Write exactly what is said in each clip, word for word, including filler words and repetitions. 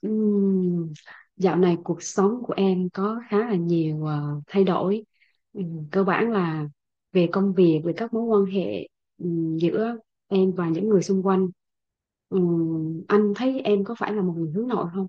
Ừm, Dạo này cuộc sống của em có khá là nhiều ờ, thay đổi. Ừm, Cơ bản là về công việc, về các mối quan hệ, ừm, giữa em và những người xung quanh. Ừm, Anh thấy em có phải là một người hướng nội không?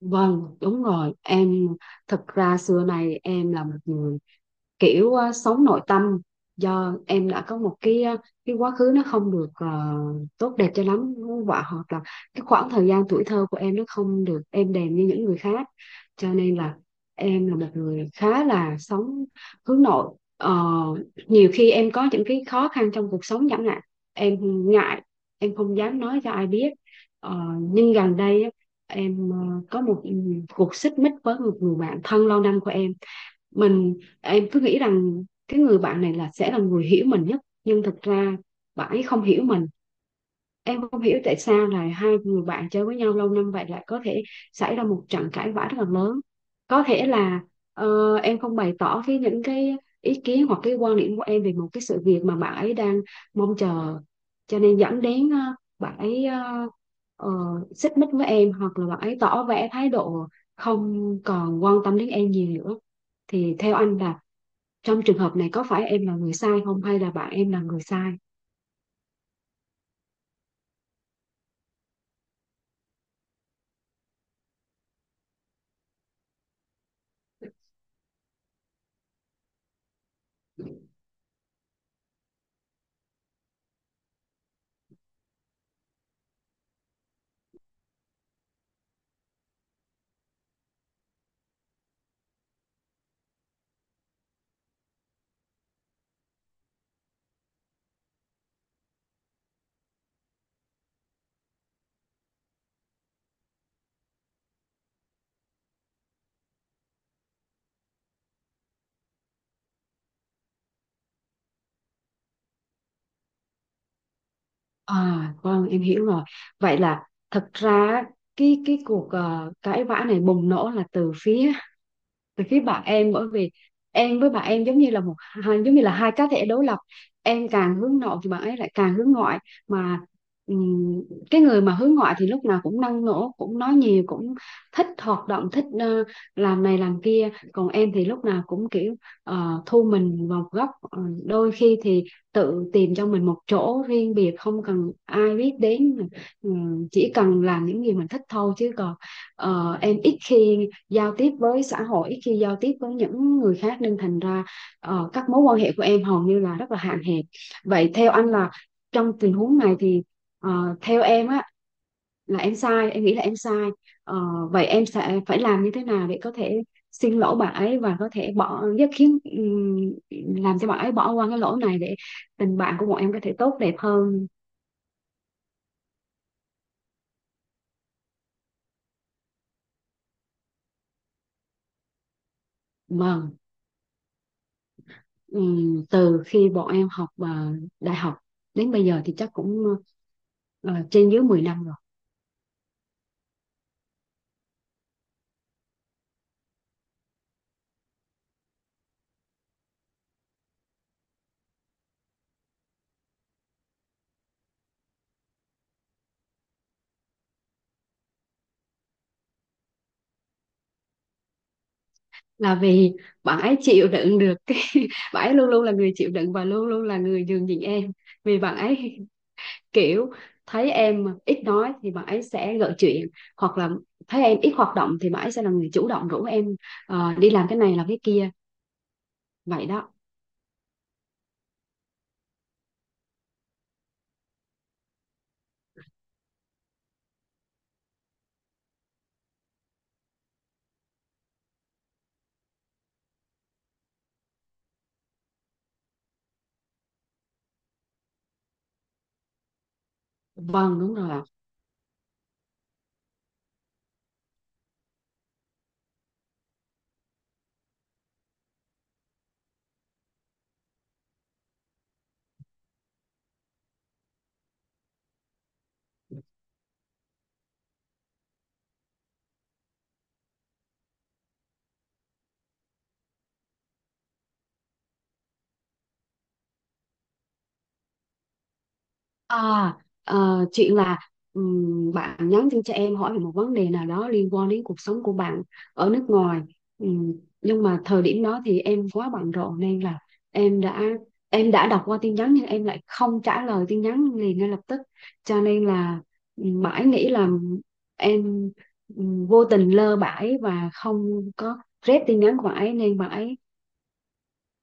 Vâng, đúng rồi. Em thật ra xưa này em là một người kiểu, ờ, sống nội tâm, do em đã có một cái ờ, cái quá khứ nó không được ờ, tốt đẹp cho lắm, và hoặc là cái khoảng thời gian tuổi thơ của em nó không được êm đềm như những người khác, cho nên là em là một người khá là sống hướng nội. Ờ, Nhiều khi em có những cái khó khăn trong cuộc sống, chẳng hạn em ngại, em không dám nói cho ai biết. Ờ, nhưng gần đây á, em ờ, có một cuộc xích mích với một người bạn thân lâu năm của em. Mình em cứ nghĩ rằng cái người bạn này là sẽ là người hiểu mình nhất, nhưng thực ra bạn ấy không hiểu mình. Em không hiểu tại sao là hai người bạn chơi với nhau lâu năm vậy lại có thể xảy ra một trận cãi vã rất là lớn. Có thể là ờ, em không bày tỏ cái những cái ý kiến hoặc cái quan điểm của em về một cái sự việc mà bạn ấy đang mong chờ, cho nên dẫn đến ờ, bạn ấy ờ, ờ, xích mích với em, hoặc là bạn ấy tỏ vẻ thái độ không còn quan tâm đến em nhiều nữa. Thì theo anh là trong trường hợp này, có phải em là người sai không, hay là bạn em là người sai? À, vâng, em hiểu rồi. Vậy là thật ra cái cái cuộc ờ, cãi vã này bùng nổ là từ phía từ phía bạn em. Bởi vì em với bạn em giống như là một hai giống như là hai cá thể đối lập. Em càng hướng nội thì bạn ấy lại càng hướng ngoại. Mà ừm, cái người mà hướng ngoại thì lúc nào cũng năng nổ, cũng nói nhiều, cũng thích hoạt động, thích ờ, làm này làm kia. Còn em thì lúc nào cũng kiểu ờ, thu mình vào một góc. Ờ, Đôi khi thì tự tìm cho mình một chỗ riêng biệt, không cần ai biết đến. Ừm, chỉ cần làm những gì mình thích thôi, chứ còn ờ, em ít khi giao tiếp với xã hội, khi giao tiếp với những người khác, nên thành ra ờ, các mối quan hệ của em hầu như là rất là hạn hẹp. Vậy theo anh là trong tình huống này thì, ờ, theo em á, là em sai, em nghĩ là em sai. Ờ, Vậy em sẽ phải làm như thế nào để có thể xin lỗi bạn ấy và có thể bỏ giúp khiến, ừm, làm cho bạn ấy bỏ qua cái lỗi này để tình bạn của bọn em có thể tốt đẹp hơn? Mà ừm, từ khi bọn em học ờ, đại học đến bây giờ thì chắc cũng ờ, ờ, trên dưới mười năm rồi. Là vì bạn ấy chịu đựng được cái bạn ấy luôn luôn là người chịu đựng và luôn luôn là người nhường nhịn em. Vì bạn ấy kiểu thấy em ít nói thì bạn ấy sẽ gợi chuyện, hoặc là thấy em ít hoạt động thì bạn ấy sẽ là người chủ động rủ em ờ, đi làm cái này làm cái kia, vậy đó. Vâng, đúng rồi ạ. À, ờ, chuyện là, ừm, bạn nhắn tin cho em hỏi về một vấn đề nào đó liên quan đến cuộc sống của bạn ở nước ngoài. Ừm, nhưng mà thời điểm đó thì em quá bận rộn, nên là em đã em đã đọc qua tin nhắn nhưng em lại không trả lời tin nhắn liền ngay lập tức. Cho nên là, ừm, mãi nghĩ là em ừm, vô tình lơ bãi và không có rep tin nhắn của bạn ấy, nên bạn ấy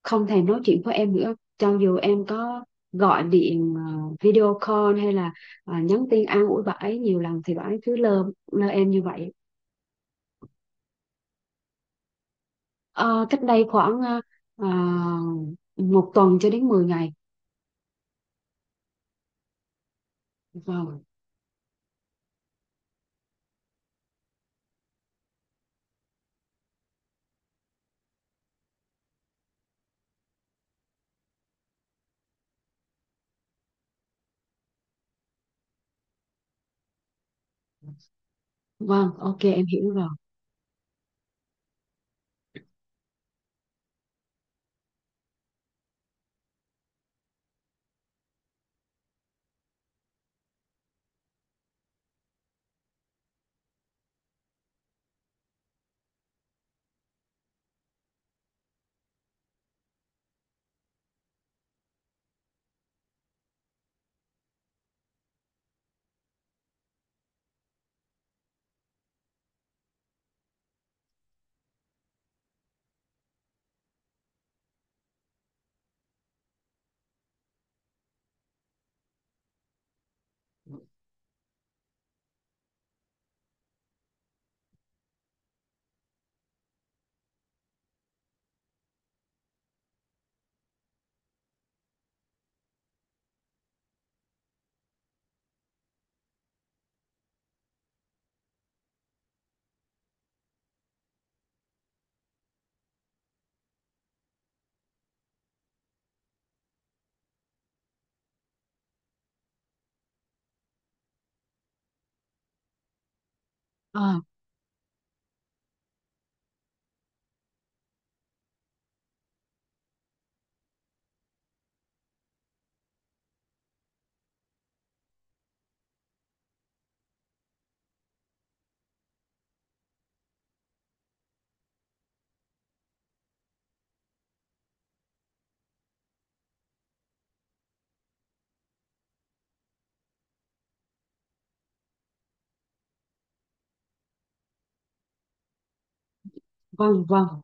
không thèm nói chuyện với em nữa, cho dù em có gọi điện, ờ, video call, hay là ờ, nhắn tin an ủi bà ấy nhiều lần thì bà ấy cứ lơ, lơ em như vậy. Ờ, Cách đây khoảng ờ, ờ, một tuần cho đến mười ngày. Vâng, vâng, ok em hiểu rồi. Ờ, vâng, vâng.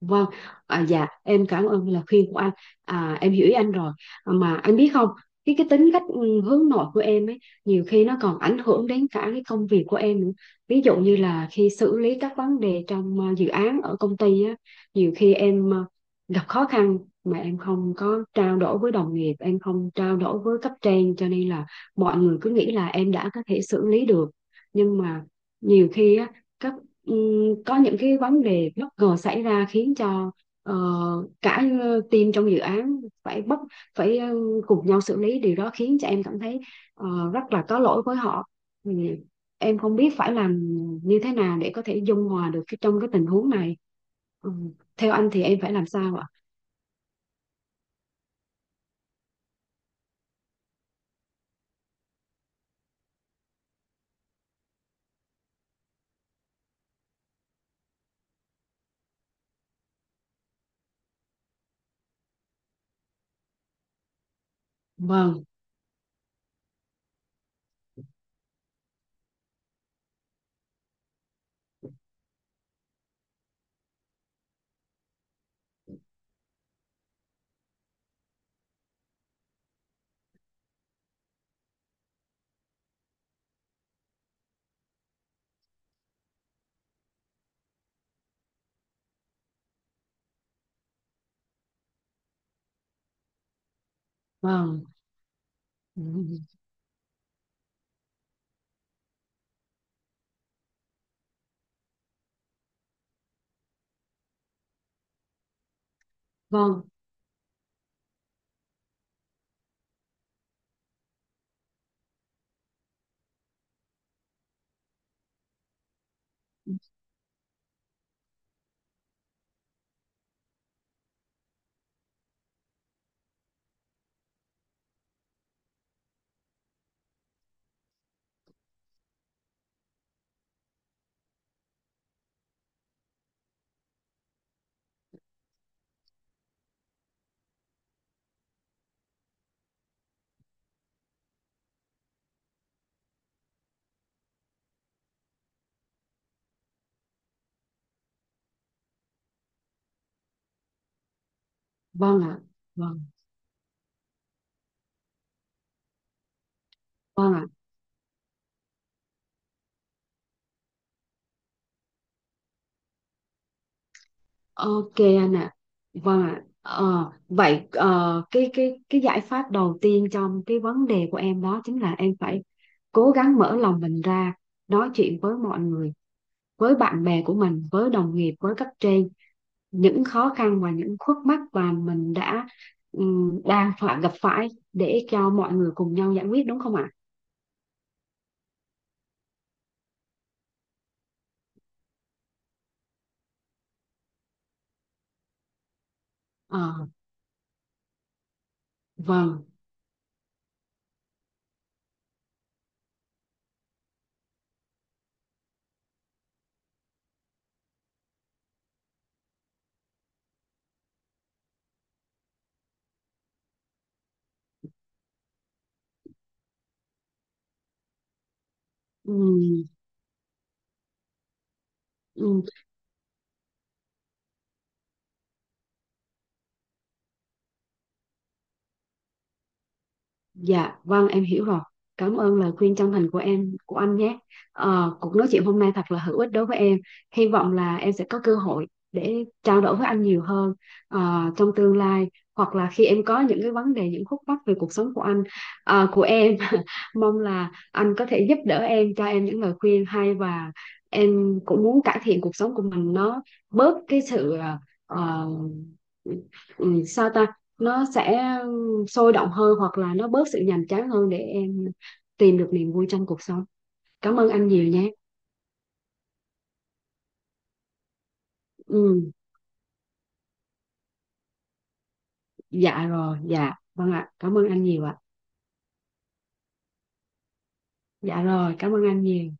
Vâng, à, dạ em cảm ơn lời khuyên của anh. À, em hiểu ý anh rồi. À, mà anh biết không, cái cái tính cách, ừ, hướng nội của em ấy nhiều khi nó còn ảnh hưởng đến cả cái công việc của em nữa. Ví dụ như là khi xử lý các vấn đề trong ờ, dự án ở công ty á, nhiều khi em ờ, gặp khó khăn mà em không có trao đổi với đồng nghiệp, em không trao đổi với cấp trên, cho nên là mọi người cứ nghĩ là em đã có thể xử lý được. Nhưng mà nhiều khi á, các Ừm, có những cái vấn đề bất ngờ xảy ra, khiến cho ờ, cả ờ, team trong dự án phải bất phải ờ, cùng nhau xử lý điều đó, khiến cho em cảm thấy ờ, rất là có lỗi với họ. Ừ, em không biết phải làm như thế nào để có thể dung hòa được cái, trong cái tình huống này. Ừ, Theo anh thì em phải làm sao ạ? Vâng, vâng. Ừ, vâng, vâng ạ. Vâng, vâng. Ok anh ạ. Vâng ạ. Ờ, Vậy ờ, cái cái cái giải pháp đầu tiên trong cái vấn đề của em đó chính là em phải cố gắng mở lòng mình ra, nói chuyện với mọi người, với bạn bè của mình, với đồng nghiệp, với cấp trên những khó khăn và những khúc mắc mà mình đã, ừm, đang phải gặp phải, để cho mọi người cùng nhau giải quyết, đúng không ạ? Ờ, vâng. Ừm, ừm. Dạ, vâng em hiểu rồi. Cảm ơn lời khuyên chân thành của em, của anh nhé. Ờ, cuộc nói chuyện hôm nay thật là hữu ích đối với em. Hy vọng là em sẽ có cơ hội để trao đổi với anh nhiều hơn ờ, trong tương lai, hoặc là khi em có những cái vấn đề, những khúc mắc về cuộc sống của anh, ờ, của em. Mong là anh có thể giúp đỡ em, cho em những lời khuyên hay, và em cũng muốn cải thiện cuộc sống của mình, nó bớt cái sự ờ, ờ, ừ, sao ta? Nó sẽ sôi động hơn hoặc là nó bớt sự nhàm chán hơn, để em tìm được niềm vui trong cuộc sống. Cảm ơn anh nhiều nhé. Ừ, dạ rồi, dạ vâng ạ, cảm ơn anh nhiều ạ. Dạ rồi, cảm ơn anh nhiều.